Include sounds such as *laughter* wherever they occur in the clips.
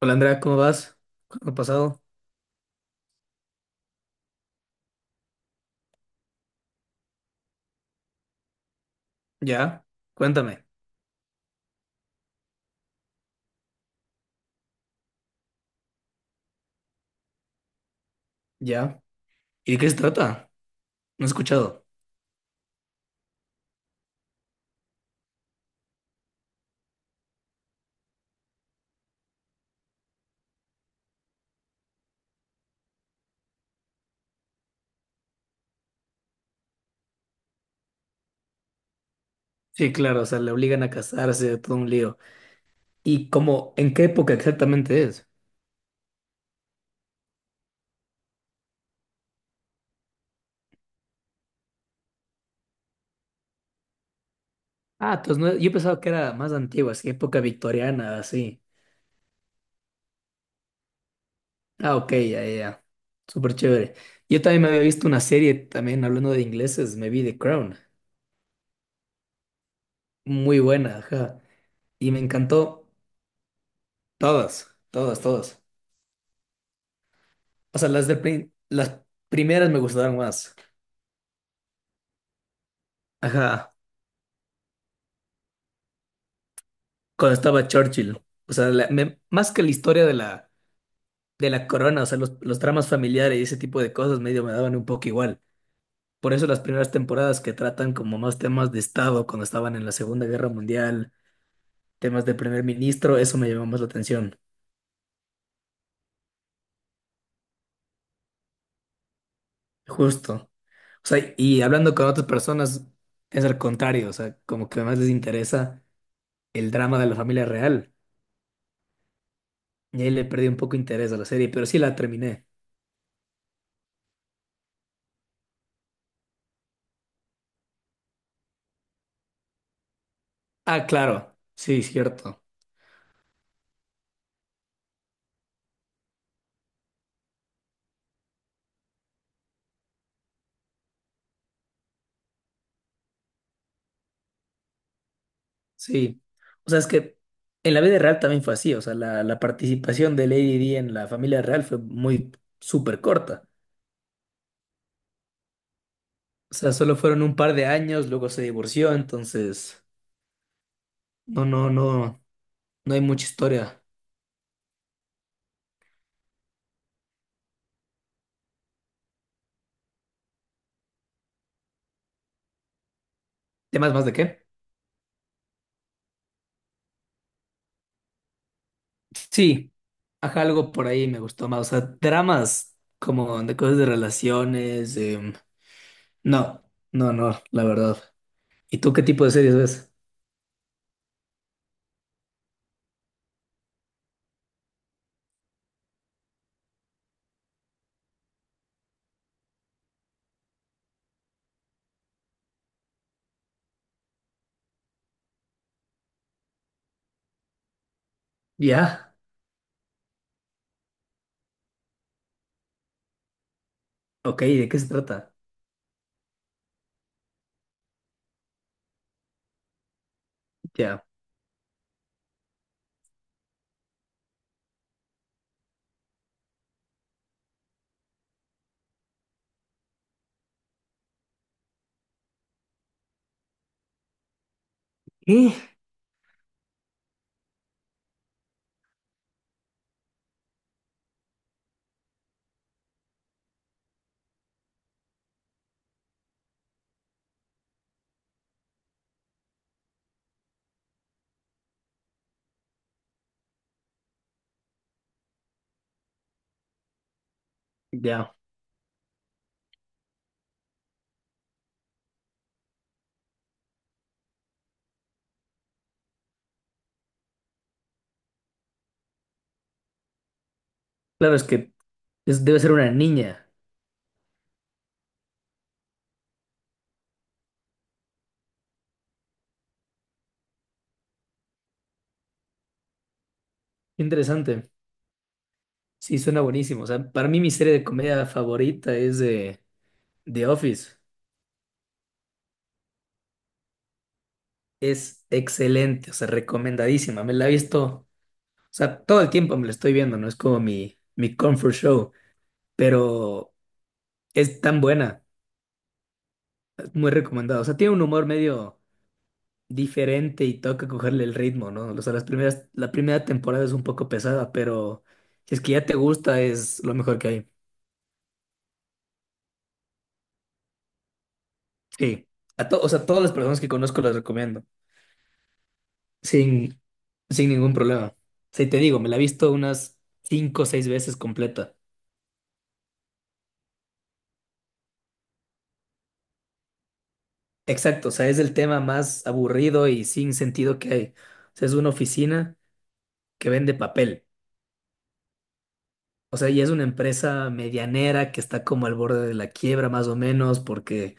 Hola Andrea, ¿cómo vas? ¿Cómo ha pasado? Ya, cuéntame. Ya. ¿Y de qué se trata? No he escuchado. Sí, claro, o sea, le obligan a casarse, todo un lío. ¿Y cómo, en qué época exactamente es? Ah, entonces yo pensaba que era más antigua, así, época victoriana, así. Ah, ok, ya, ya, ya. Súper chévere. Yo también me había visto una serie, también hablando de ingleses, me vi The Crown. Muy buena, ajá. Y me encantó todas, todas, todas. O sea, las primeras me gustaron más. Ajá, cuando estaba Churchill. O sea, más que la historia de la corona, o sea, los dramas familiares y ese tipo de cosas medio me daban un poco igual. Por eso las primeras temporadas que tratan como más temas de Estado cuando estaban en la Segunda Guerra Mundial, temas de primer ministro, eso me llamó más la atención. Justo. O sea, y hablando con otras personas, es al contrario, o sea, como que más les interesa el drama de la familia real. Y ahí le perdí un poco interés a la serie, pero sí la terminé. Ah, claro, sí, cierto. Sí, o sea, es que en la vida real también fue así, o sea, la participación de Lady Di en la familia real fue muy súper corta, o sea, solo fueron un par de años, luego se divorció, entonces, no, no, no, no hay mucha historia. ¿Temas más de qué? Sí, ajá, algo por ahí me gustó más, o sea, dramas como de cosas de relaciones, no, no, no, la verdad. ¿Y tú qué tipo de series ves? Ya, ok, ¿de qué se trata? Ya. ¿Eh? Ya. Claro, es que debe ser una niña. Interesante. Sí, suena buenísimo. O sea, para mí mi serie de comedia favorita es The Office. Es excelente, o sea, recomendadísima. Me la he visto, o sea, todo el tiempo me la estoy viendo, ¿no? Es como mi comfort show, pero es tan buena, es muy recomendada. O sea, tiene un humor medio diferente y toca cogerle el ritmo, ¿no? O sea, las primeras, la primera temporada es un poco pesada, pero si es que ya te gusta, es lo mejor que hay. Sí. A to- o sea, todas las personas que conozco las recomiendo. Sin, sin ningún problema. Sí, te digo, me la he visto unas cinco o seis veces completa. Exacto, o sea, es el tema más aburrido y sin sentido que hay. O sea, es una oficina que vende papel. O sea, y es una empresa medianera que está como al borde de la quiebra, más o menos, porque,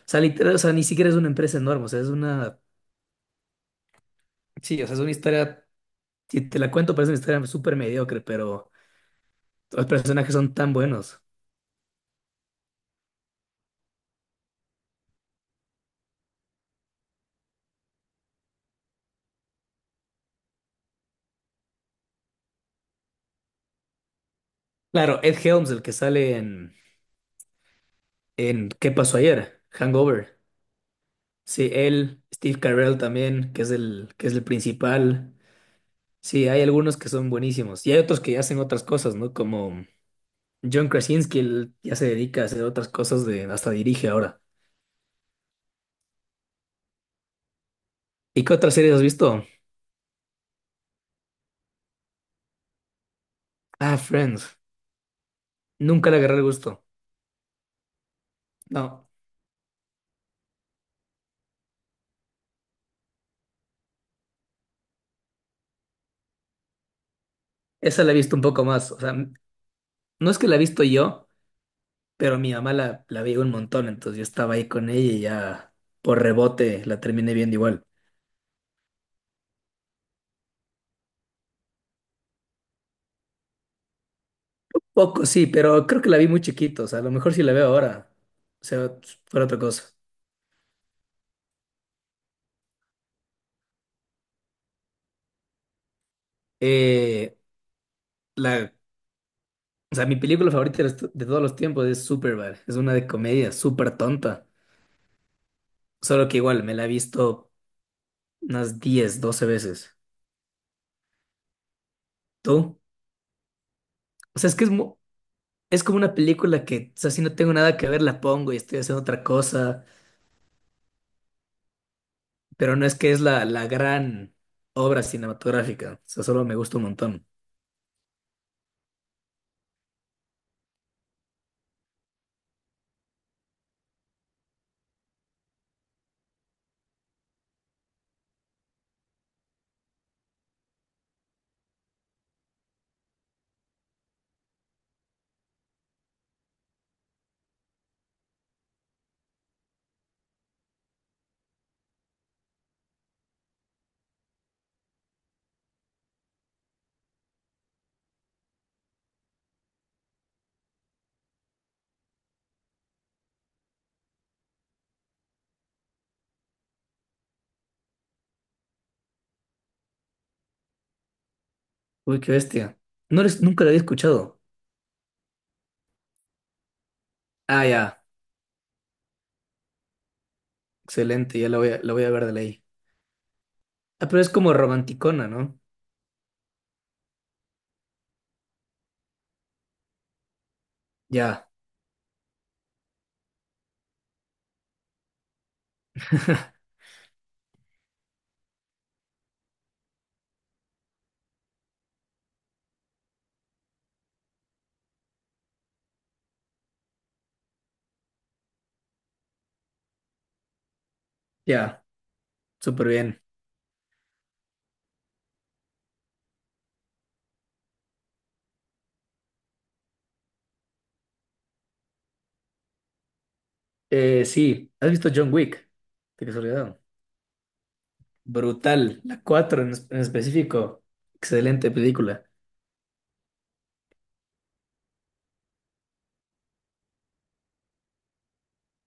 o sea, literal, o sea, ni siquiera es una empresa enorme. O sea, es una. Sí, o sea, es una historia. Si te la cuento, parece una historia súper mediocre, pero los personajes son tan buenos. Claro, Ed Helms, el que sale en ¿Qué pasó ayer? Hangover. Sí, él, Steve Carell también, que es el principal. Sí, hay algunos que son buenísimos. Y hay otros que hacen otras cosas, ¿no? Como John Krasinski, él ya se dedica a hacer otras cosas de, hasta dirige ahora. ¿Y qué otras series has visto? Ah, Friends. Nunca le agarré el gusto. No, esa la he visto un poco más. O sea, m- no es que la he visto yo, pero mi mamá la veía un montón, entonces yo estaba ahí con ella y ya por rebote la terminé viendo igual. Poco, sí, pero creo que la vi muy chiquito, o sea, a lo mejor si la veo ahora, o sea, fuera otra cosa. Eh, la, o sea, mi película favorita de de todos los tiempos es Superbad, es una de comedia súper tonta, solo que igual me la he visto unas 10 12 veces. ¿Tú? O sea, es que es, es como una película que, o sea, si no tengo nada que ver, la pongo y estoy haciendo otra cosa, pero no es que es la, la gran obra cinematográfica, o sea, solo me gusta un montón. Uy, qué bestia. No eres, nunca la había escuchado. Ah, ya. Excelente, ya la voy a ver de ley. Ah, pero es como romanticona, ¿no? Ya, *laughs* ya, súper bien. Sí, ¿has visto John Wick? De casualidad. Brutal, la 4 en específico. Excelente película.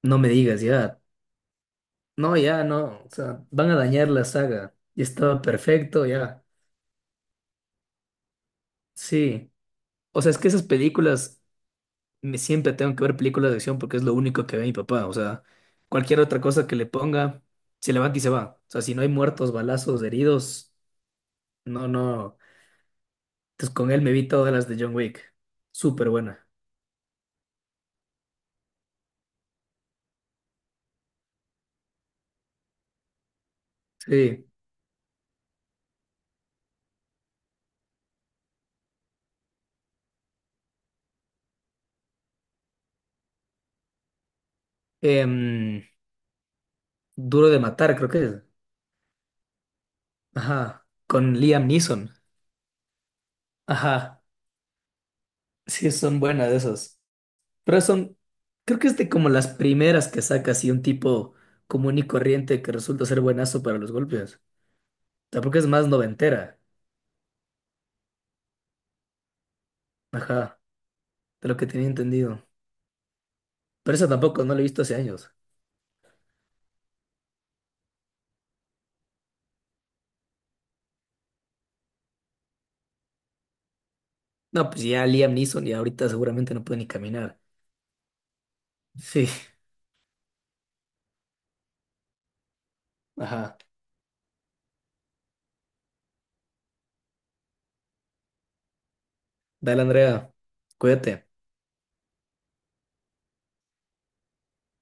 No me digas, ya. No, ya, no. O sea, van a dañar la saga. Y estaba perfecto, ya. Sí. O sea, es que esas películas siempre tengo que ver películas de acción porque es lo único que ve mi papá. O sea, cualquier otra cosa que le ponga, se levanta y se va. O sea, si no hay muertos, balazos, heridos, no, no. Entonces con él me vi todas las de John Wick. Súper buena. Sí. Em, Duro de matar, creo que es. Ajá. Con Liam Neeson. Ajá. Sí, son buenas de esas. Pero son, creo que es de como las primeras que saca así un tipo común y corriente que resulta ser buenazo para los golpes. O sea, porque es más noventera. Ajá, de lo que tenía entendido. Pero esa tampoco, no la he visto hace años. No, pues ya Liam Neeson y ahorita seguramente no puede ni caminar. Sí, ajá. Dale, Andrea, cuídate.